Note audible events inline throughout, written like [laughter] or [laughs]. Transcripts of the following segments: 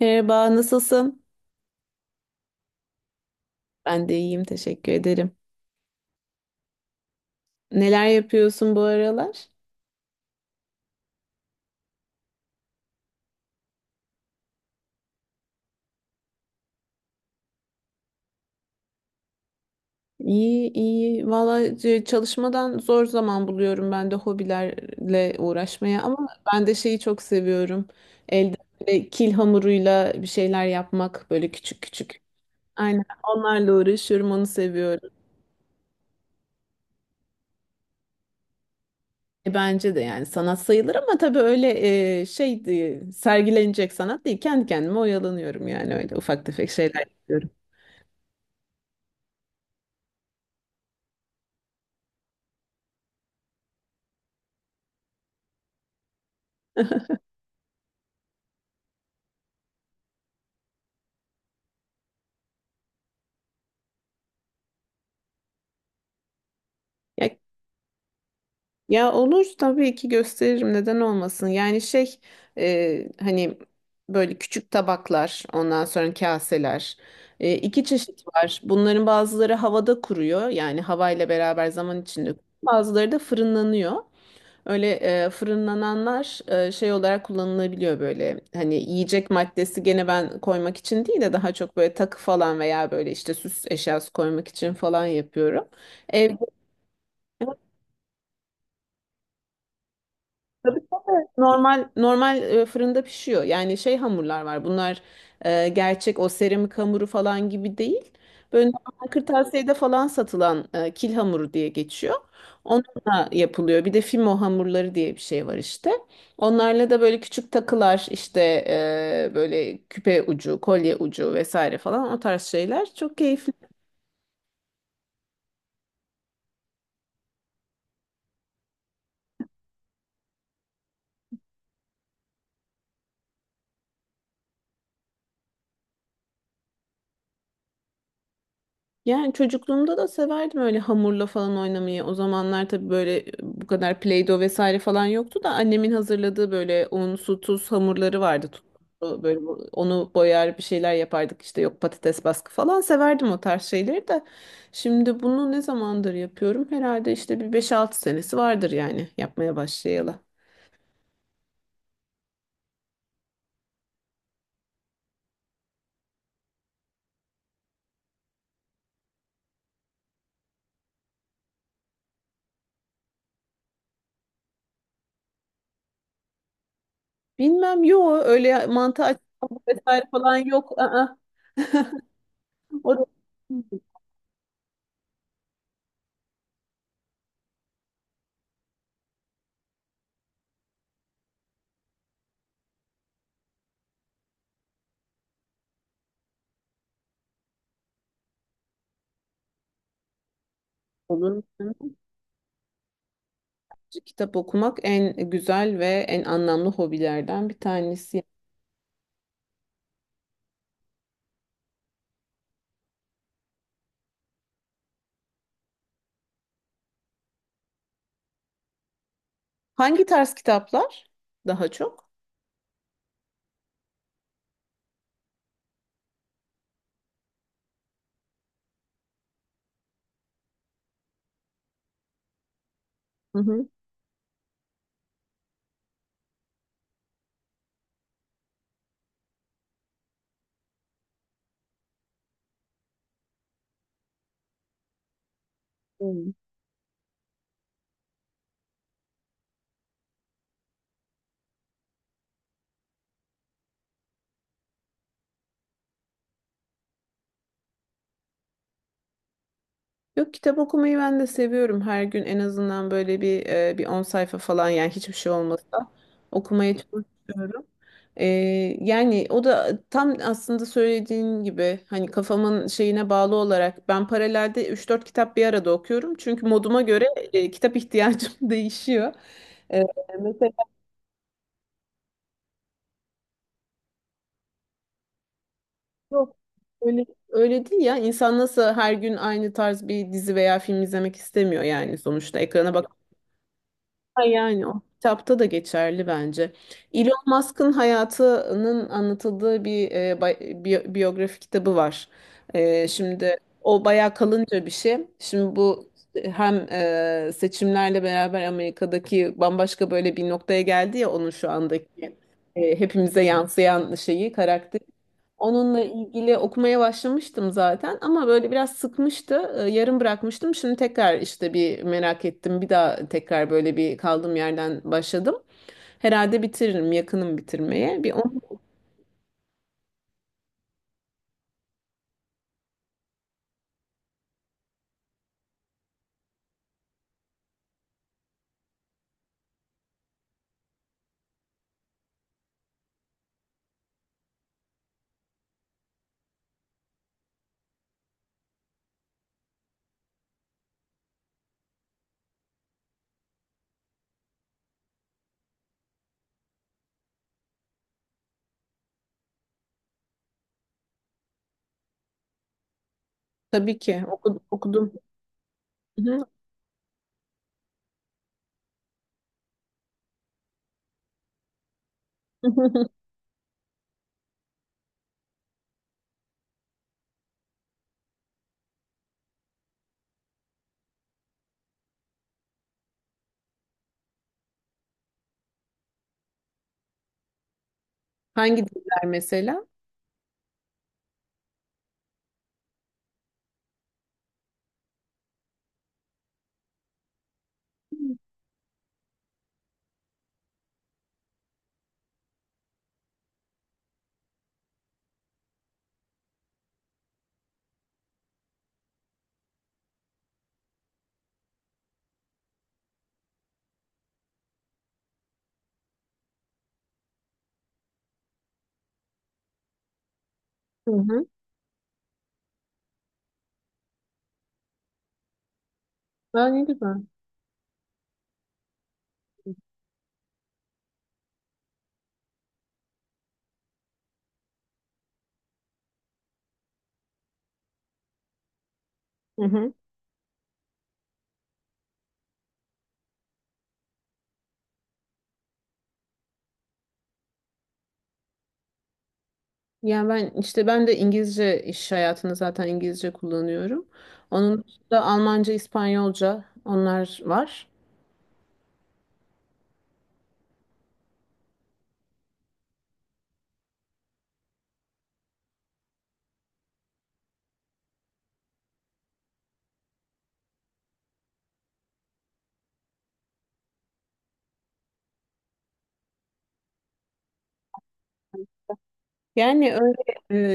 Merhaba, nasılsın? Ben de iyiyim, teşekkür ederim. Neler yapıyorsun bu aralar? İyi, iyi. Vallahi çalışmadan zor zaman buluyorum ben de hobilerle uğraşmaya ama ben de şeyi çok seviyorum. Elde böyle kil hamuruyla bir şeyler yapmak böyle küçük küçük. Aynen onlarla uğraşıyorum, onu seviyorum. Bence de yani sanat sayılır ama tabii öyle şey değil, sergilenecek sanat değil. Kendi kendime oyalanıyorum yani öyle ufak tefek şeyler yapıyorum. [laughs] Ya Ya olur tabii ki gösteririm neden olmasın. Yani şey hani böyle küçük tabaklar, ondan sonra kaseler. İki çeşit var. Bunların bazıları havada kuruyor, yani havayla beraber zaman içinde kuruyor. Bazıları da fırınlanıyor. Öyle fırınlananlar şey olarak kullanılabiliyor böyle. Hani yiyecek maddesi gene ben koymak için değil de daha çok böyle takı falan veya böyle işte süs eşyası koymak için falan yapıyorum. Evde normal normal fırında pişiyor. Yani şey hamurlar var. Bunlar gerçek o seramik hamuru falan gibi değil. Böyle normal kırtasiyede falan satılan kil hamuru diye geçiyor. Onunla yapılıyor. Bir de fimo hamurları diye bir şey var işte. Onlarla da böyle küçük takılar işte, böyle küpe ucu, kolye ucu vesaire falan o tarz şeyler çok keyifli. Yani çocukluğumda da severdim öyle hamurla falan oynamayı. O zamanlar tabii böyle bu kadar Play-Doh vesaire falan yoktu da annemin hazırladığı böyle un, su, tuz hamurları vardı. Tuzlu, böyle onu boyar, bir şeyler yapardık işte, yok patates baskı falan, severdim o tarz şeyleri de. Şimdi bunu ne zamandır yapıyorum? Herhalde işte bir 5-6 senesi vardır yani yapmaya başlayalı. Bilmem, yo öyle mantı açma vesaire falan yok. Aa. [laughs] O da- Olur. Kitap okumak en güzel ve en anlamlı hobilerden bir tanesi. Hangi tarz kitaplar daha çok? Hı hı. Hmm. Yok, kitap okumayı ben de seviyorum. Her gün en azından böyle bir 10 sayfa falan, yani hiçbir şey olmasa okumaya çalışıyorum. E, Yani o da tam aslında söylediğin gibi, hani kafamın şeyine bağlı olarak ben paralelde üç dört kitap bir arada okuyorum. Çünkü moduma göre kitap ihtiyacım [laughs] değişiyor. E, Yok. Öyle değil ya. İnsan nasıl her gün aynı tarz bir dizi veya film izlemek istemiyor yani sonuçta. Ekrana bak. Ha, yani o kitapta da geçerli bence. Elon Musk'ın hayatının anlatıldığı bir biyografi kitabı var. Şimdi o bayağı kalınca bir şey. Şimdi bu hem seçimlerle beraber Amerika'daki bambaşka böyle bir noktaya geldi ya, onun şu andaki hepimize yansıyan şeyi, karakteri. Onunla ilgili okumaya başlamıştım zaten ama böyle biraz sıkmıştı. Yarım bırakmıştım. Şimdi tekrar işte bir merak ettim. Bir daha tekrar böyle bir kaldığım yerden başladım. Herhalde bitiririm, yakınım bitirmeye. Bir onu tabii ki okudum. Hı hı. [laughs] Hangi diller mesela? Hı hı. Aa, ne güzel. Hı hı. Yani ben de İngilizce, iş hayatında zaten İngilizce kullanıyorum. Onun dışında Almanca, İspanyolca onlar var. Yani öyle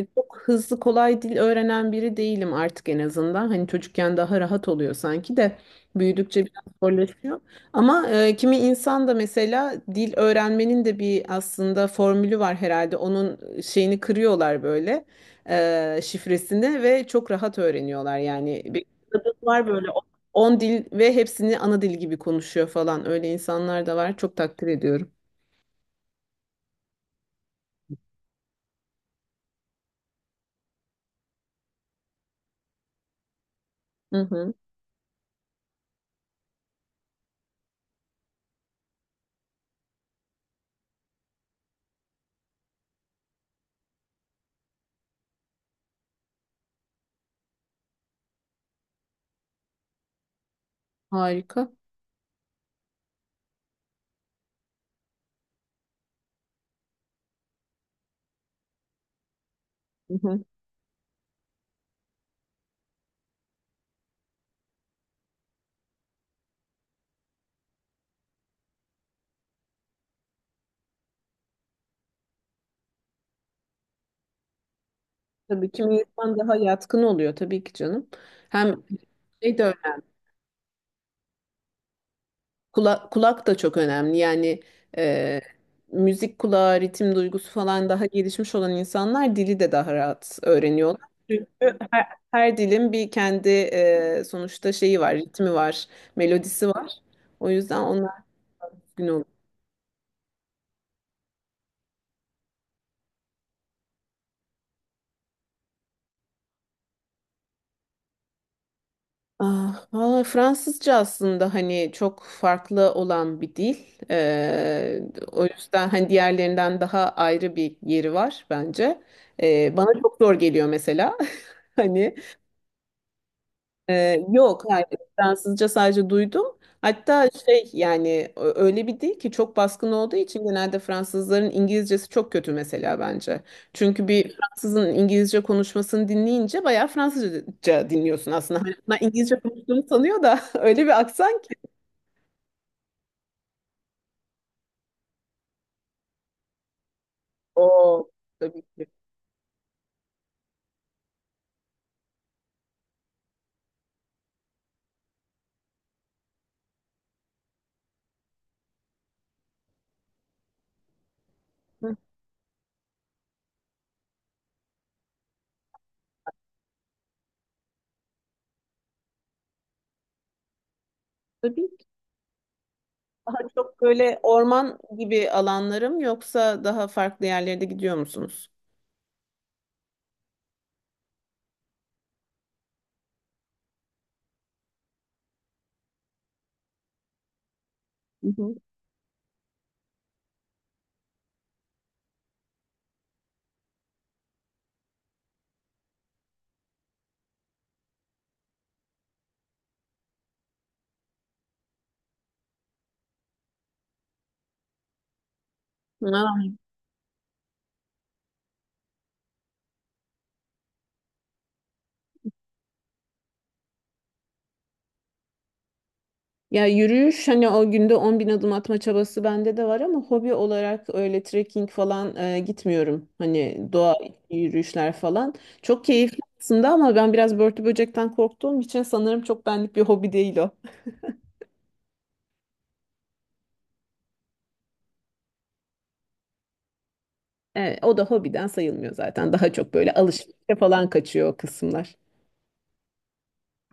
çok hızlı kolay dil öğrenen biri değilim artık, en azından. Hani çocukken daha rahat oluyor sanki de büyüdükçe biraz zorlaşıyor. Ama kimi insan da mesela dil öğrenmenin de bir aslında formülü var herhalde. Onun şeyini kırıyorlar, böyle şifresini, ve çok rahat öğreniyorlar. Yani bir kadın var böyle, 10 dil ve hepsini ana dil gibi konuşuyor falan. Öyle insanlar da var. Çok takdir ediyorum. Hı hı. Harika. Tabii kimi insan daha yatkın oluyor tabii ki canım. Hem şey de önemli. Kulak da çok önemli. Yani e, müzik kulağı, ritim duygusu falan daha gelişmiş olan insanlar dili de daha rahat öğreniyorlar. Çünkü her, her dilin bir kendi sonuçta şeyi var, ritmi var, melodisi var. O yüzden onlar gün oluyor. Ah, valla Fransızca aslında hani çok farklı olan bir dil. Ee, O yüzden hani diğerlerinden daha ayrı bir yeri var bence. Bana çok zor geliyor mesela. [laughs] Hani yok, hayır. Fransızca sadece duydum. Hatta şey yani öyle bir dil ki, çok baskın olduğu için genelde Fransızların İngilizcesi çok kötü mesela bence. Çünkü bir Fransızın İngilizce konuşmasını dinleyince bayağı Fransızca dinliyorsun aslında. Hani bunlar İngilizce konuştuğunu sanıyor da [laughs] öyle bir aksan ki. Oo, tabii ki. Hı, tabii ki. Daha çok böyle orman gibi alanlarım yoksa daha farklı yerlere de gidiyor musunuz? Hı hı. Ya yürüyüş, hani o günde 10.000 adım atma çabası bende de var ama hobi olarak öyle trekking falan gitmiyorum. Hani doğa yürüyüşler falan. Çok keyifli aslında ama ben biraz börtü böcekten korktuğum için sanırım çok benlik bir hobi değil o. Evet, o da hobiden sayılmıyor zaten. Daha çok böyle alışverişe falan kaçıyor o kısımlar.